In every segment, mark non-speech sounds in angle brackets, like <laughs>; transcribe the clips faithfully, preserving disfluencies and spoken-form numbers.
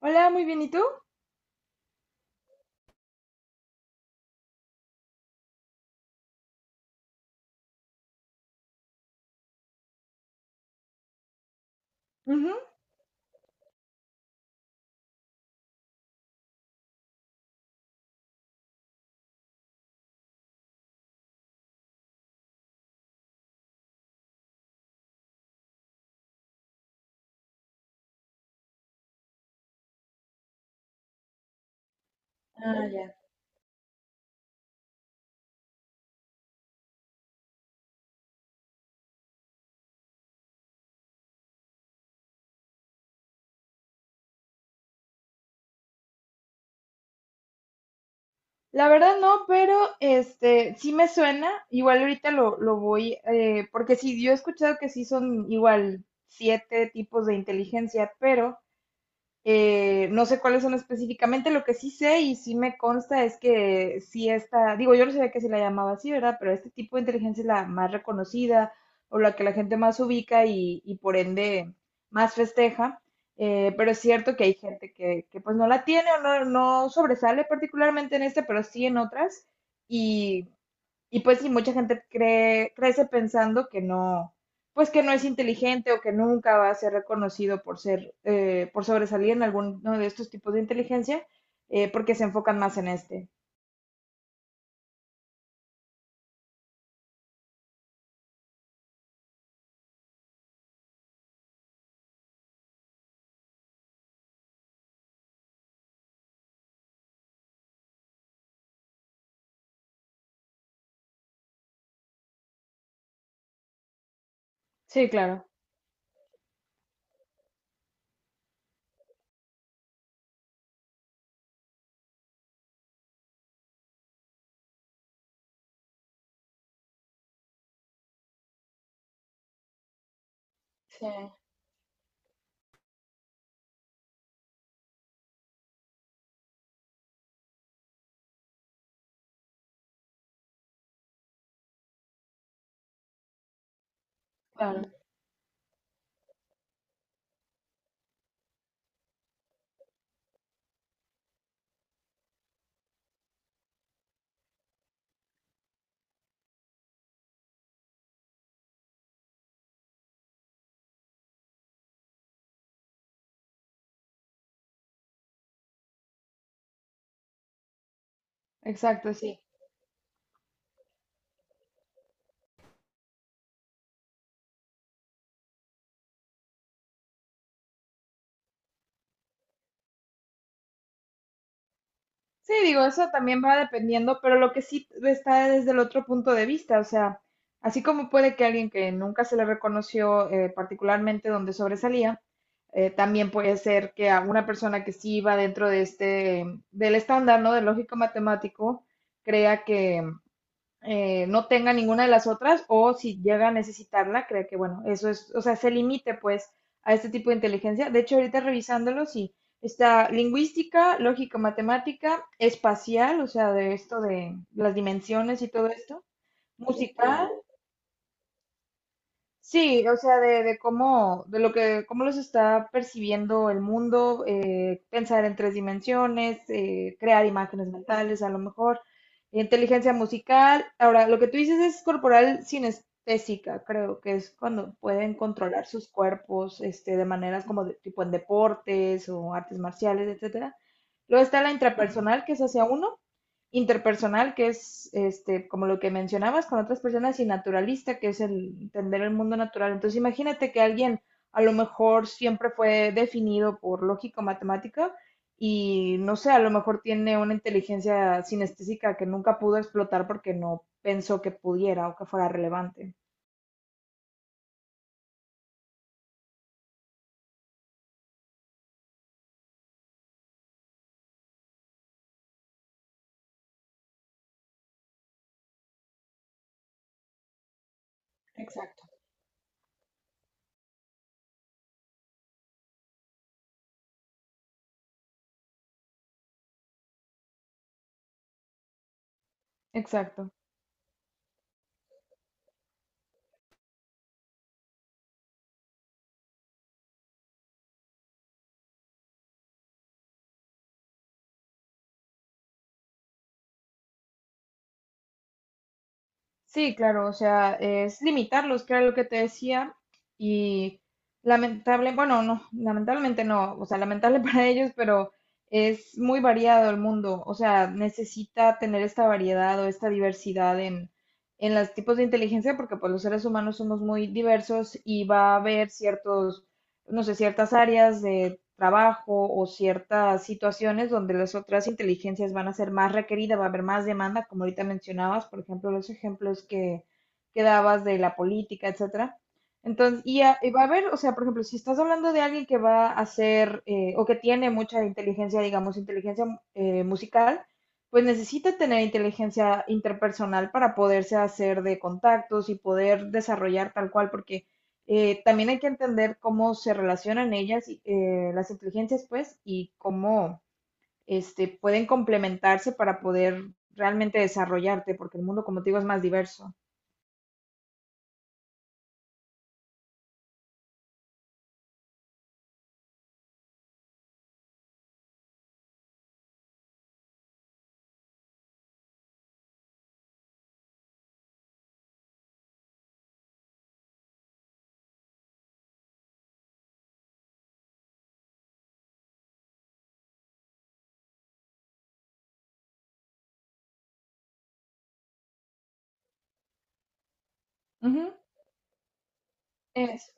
Hola, muy bien, ¿y tú? Ujú. Ah, ya. La verdad no, pero este sí me suena. Igual ahorita lo, lo voy, eh, porque sí, yo he escuchado que sí son igual siete tipos de inteligencia, pero Eh, no sé cuáles son específicamente. Lo que sí sé y sí me consta es que sí esta, digo, yo no sabía que se la llamaba así, ¿verdad? Pero este tipo de inteligencia es la más reconocida, o la que la gente más ubica y, y por ende más festeja. Eh, pero es cierto que hay gente que, que pues no la tiene, o no, no sobresale particularmente en este, pero sí en otras. Y y pues sí, mucha gente cree, crece pensando que no, pues que no es inteligente, o que nunca va a ser reconocido por ser, eh, por sobresalir en alguno de estos tipos de inteligencia, eh, porque se enfocan más en este. Sí, claro. Sí, claro. Exacto, sí. Sí, digo, eso también va dependiendo, pero lo que sí está desde el otro punto de vista, o sea, así como puede que alguien que nunca se le reconoció eh, particularmente donde sobresalía, eh, también puede ser que a una persona que sí va dentro de este, del estándar, ¿no? Del lógico matemático, crea que, eh, no tenga ninguna de las otras, o si llega a necesitarla, cree que, bueno, eso es, o sea, se limite pues a este tipo de inteligencia. De hecho, ahorita revisándolo, sí, está lingüística, lógica, matemática, espacial, o sea, de esto de las dimensiones y todo esto, musical. Sí, o sea, de, de cómo, de lo que, cómo los está percibiendo el mundo, eh, pensar en tres dimensiones, eh, crear imágenes mentales, a lo mejor, inteligencia musical. Ahora, lo que tú dices es corporal sinestésica, creo que es cuando pueden controlar sus cuerpos, este, de maneras como de- tipo en deportes o artes marciales, etcétera. Luego está la intrapersonal, que es hacia uno, interpersonal, que es este, como lo que mencionabas, con otras personas, y naturalista, que es el entender el mundo natural. Entonces, imagínate que alguien a lo mejor siempre fue definido por lógico-matemática y no sé, a lo mejor tiene una inteligencia sinestésica que nunca pudo explotar porque no pensó que pudiera o que fuera relevante. Exacto. Exacto. Sí, claro, o sea, es limitarlos, que era lo que te decía, y lamentable, bueno, no, lamentablemente no, o sea, lamentable <laughs> para ellos, pero es muy variado el mundo, o sea, necesita tener esta variedad o esta diversidad en, en los tipos de inteligencia, porque pues los seres humanos somos muy diversos y va a haber ciertos, no sé, ciertas áreas de trabajo o ciertas situaciones donde las otras inteligencias van a ser más requeridas, va a haber más demanda, como ahorita mencionabas. Por ejemplo, los ejemplos que, que dabas de la política, etcétera. Entonces, y, a- y va a haber, o sea, por ejemplo, si estás hablando de alguien que va a hacer eh, o que tiene mucha inteligencia, digamos, inteligencia eh, musical, pues necesita tener inteligencia interpersonal para poderse hacer de contactos y poder desarrollar tal cual, porque eh, también hay que entender cómo se relacionan ellas, y, eh, las inteligencias, pues, y cómo este, pueden complementarse para poder realmente desarrollarte, porque el mundo, como te digo, es más diverso. Ujú, es,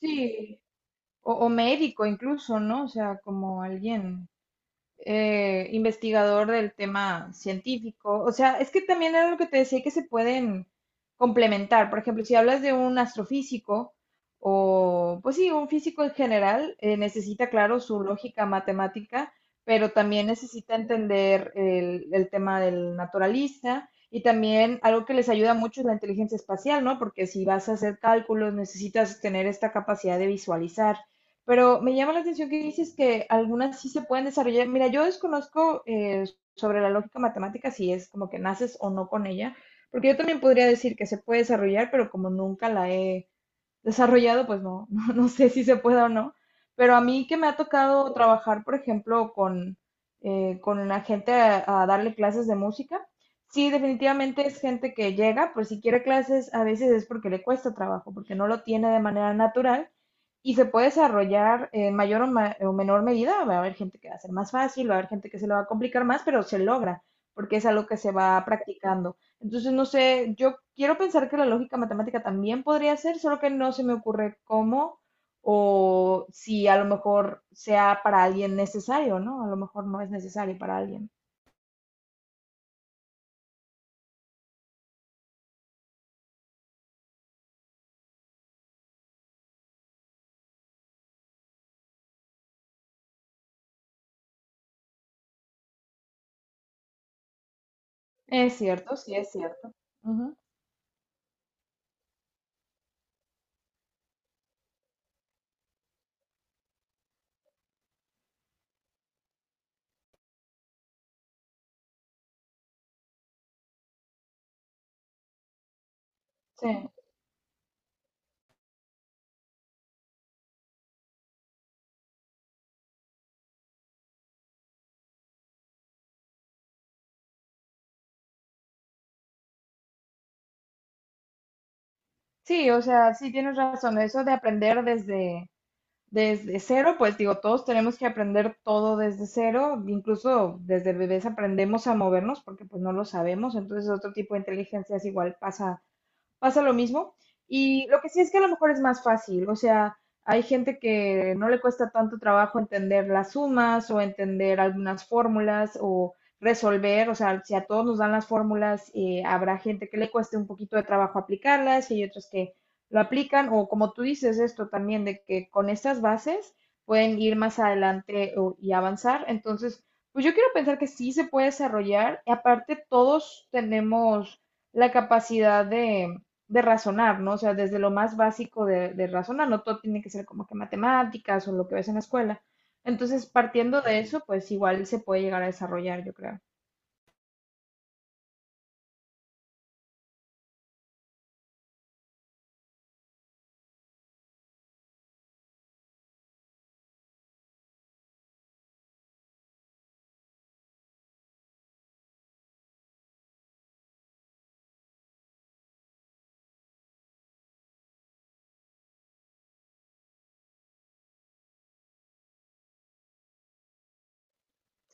sí, o, o médico incluso, ¿no? O sea, como alguien eh, investigador del tema científico. O sea, es que también era lo que te decía, que se pueden complementar. Por ejemplo, si hablas de un astrofísico o, pues sí, un físico en general, eh, necesita, claro, su lógica matemática, pero también necesita entender el, el tema del naturalista. Y también algo que les ayuda mucho es la inteligencia espacial, ¿no? Porque si vas a hacer cálculos, necesitas tener esta capacidad de visualizar. Pero me llama la atención que dices que algunas sí se pueden desarrollar. Mira, yo desconozco eh, sobre la lógica matemática si es como que naces o no con ella, porque yo también podría decir que se puede desarrollar, pero como nunca la he desarrollado, pues no, <laughs> no, no sé si se puede o no, pero a mí que me ha tocado trabajar, por ejemplo, con, eh, con la gente a, a darle clases de música, sí, definitivamente es gente que llega, pues si quiere clases, a veces es porque le cuesta trabajo, porque no lo tiene de manera natural, y se puede desarrollar en mayor o, ma- o menor medida. Va a haber gente que va a ser más fácil, va a haber gente que se le va a complicar más, pero se logra, porque es algo que se va practicando. Entonces, no sé, yo quiero pensar que la lógica matemática también podría ser, solo que no se me ocurre cómo, o si a lo mejor sea para alguien necesario, ¿no? A lo mejor no es necesario para alguien. Es cierto, sí, es cierto. Ujú. Sí, sí, o sea, sí tienes razón. Eso de aprender desde, desde cero, pues digo, todos tenemos que aprender todo desde cero. Incluso desde bebés aprendemos a movernos porque pues no lo sabemos. Entonces otro tipo de inteligencia es igual, pasa pasa lo mismo. Y lo que sí es que a lo mejor es más fácil, o sea, hay gente que no le cuesta tanto trabajo entender las sumas o entender algunas fórmulas, o resolver, o sea, si a todos nos dan las fórmulas, eh, habrá gente que le cueste un poquito de trabajo aplicarlas y hay otros que lo aplican, o como tú dices esto también, de que con estas bases pueden ir más adelante o- y avanzar. Entonces, pues yo quiero pensar que sí se puede desarrollar. Y aparte, todos tenemos la capacidad de, de razonar, ¿no? O sea, desde lo más básico de, de razonar, no todo tiene que ser como que matemáticas o lo que ves en la escuela. Entonces, partiendo de eso, pues igual se puede llegar a desarrollar, yo creo.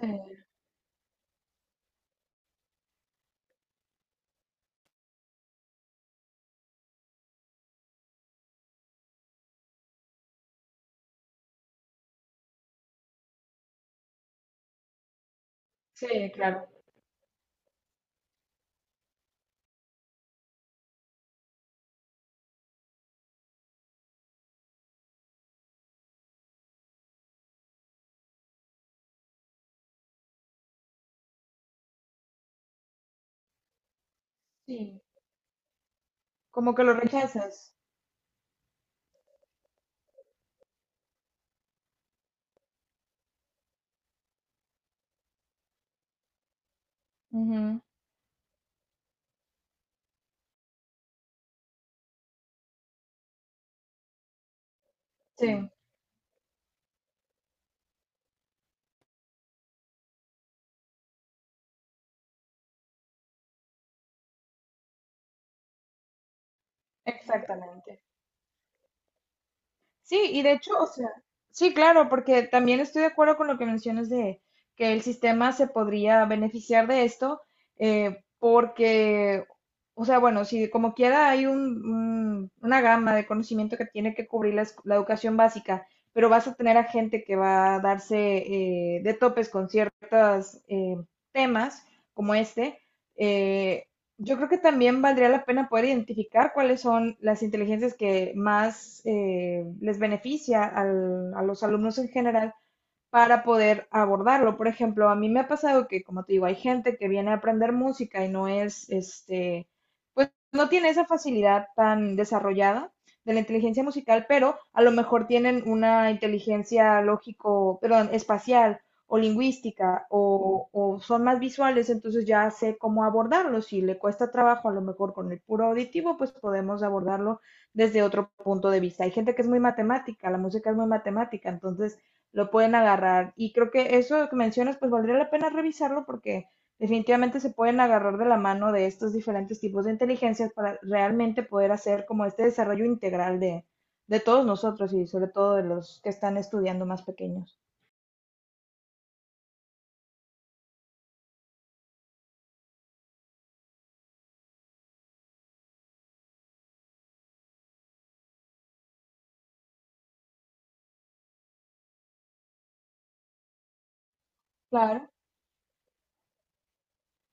Sí. Sí, claro. Sí. Como que lo rechazas. Ujú. Sí, sí, exactamente. Sí, y de hecho, o sea, sí, claro, porque también estoy de acuerdo con lo que mencionas de que el sistema se podría beneficiar de esto, eh, porque, o sea, bueno, si como quiera hay un- un- una gama de conocimiento que tiene que cubrir la, escu- la educación básica, pero vas a tener a gente que va a darse eh, de topes con ciertos temas como este. eh, yo creo que también valdría la pena poder identificar cuáles son las inteligencias que más eh, les beneficia al- a los alumnos en general para poder abordarlo. Por ejemplo, a mí me ha pasado que, como te digo, hay gente que viene a aprender música y no es, este, pues no tiene esa facilidad tan desarrollada de la inteligencia musical, pero a lo mejor tienen una inteligencia lógico, perdón, espacial o lingüística o, o son más visuales, entonces ya sé cómo abordarlo. Si le cuesta trabajo, a lo mejor con el puro auditivo, pues podemos abordarlo desde otro punto de vista. Hay gente que es muy matemática, la música es muy matemática, entonces lo pueden agarrar. Y creo que eso que mencionas, pues valdría la pena revisarlo porque definitivamente se pueden agarrar de la mano de estos diferentes tipos de inteligencias para realmente poder hacer como este desarrollo integral de, de todos nosotros, y sobre todo de los que están estudiando más pequeños. Claro.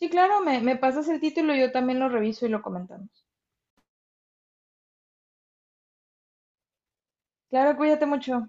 Sí, claro, me, me pasas el título, yo también lo reviso y lo comentamos. Claro, cuídate mucho.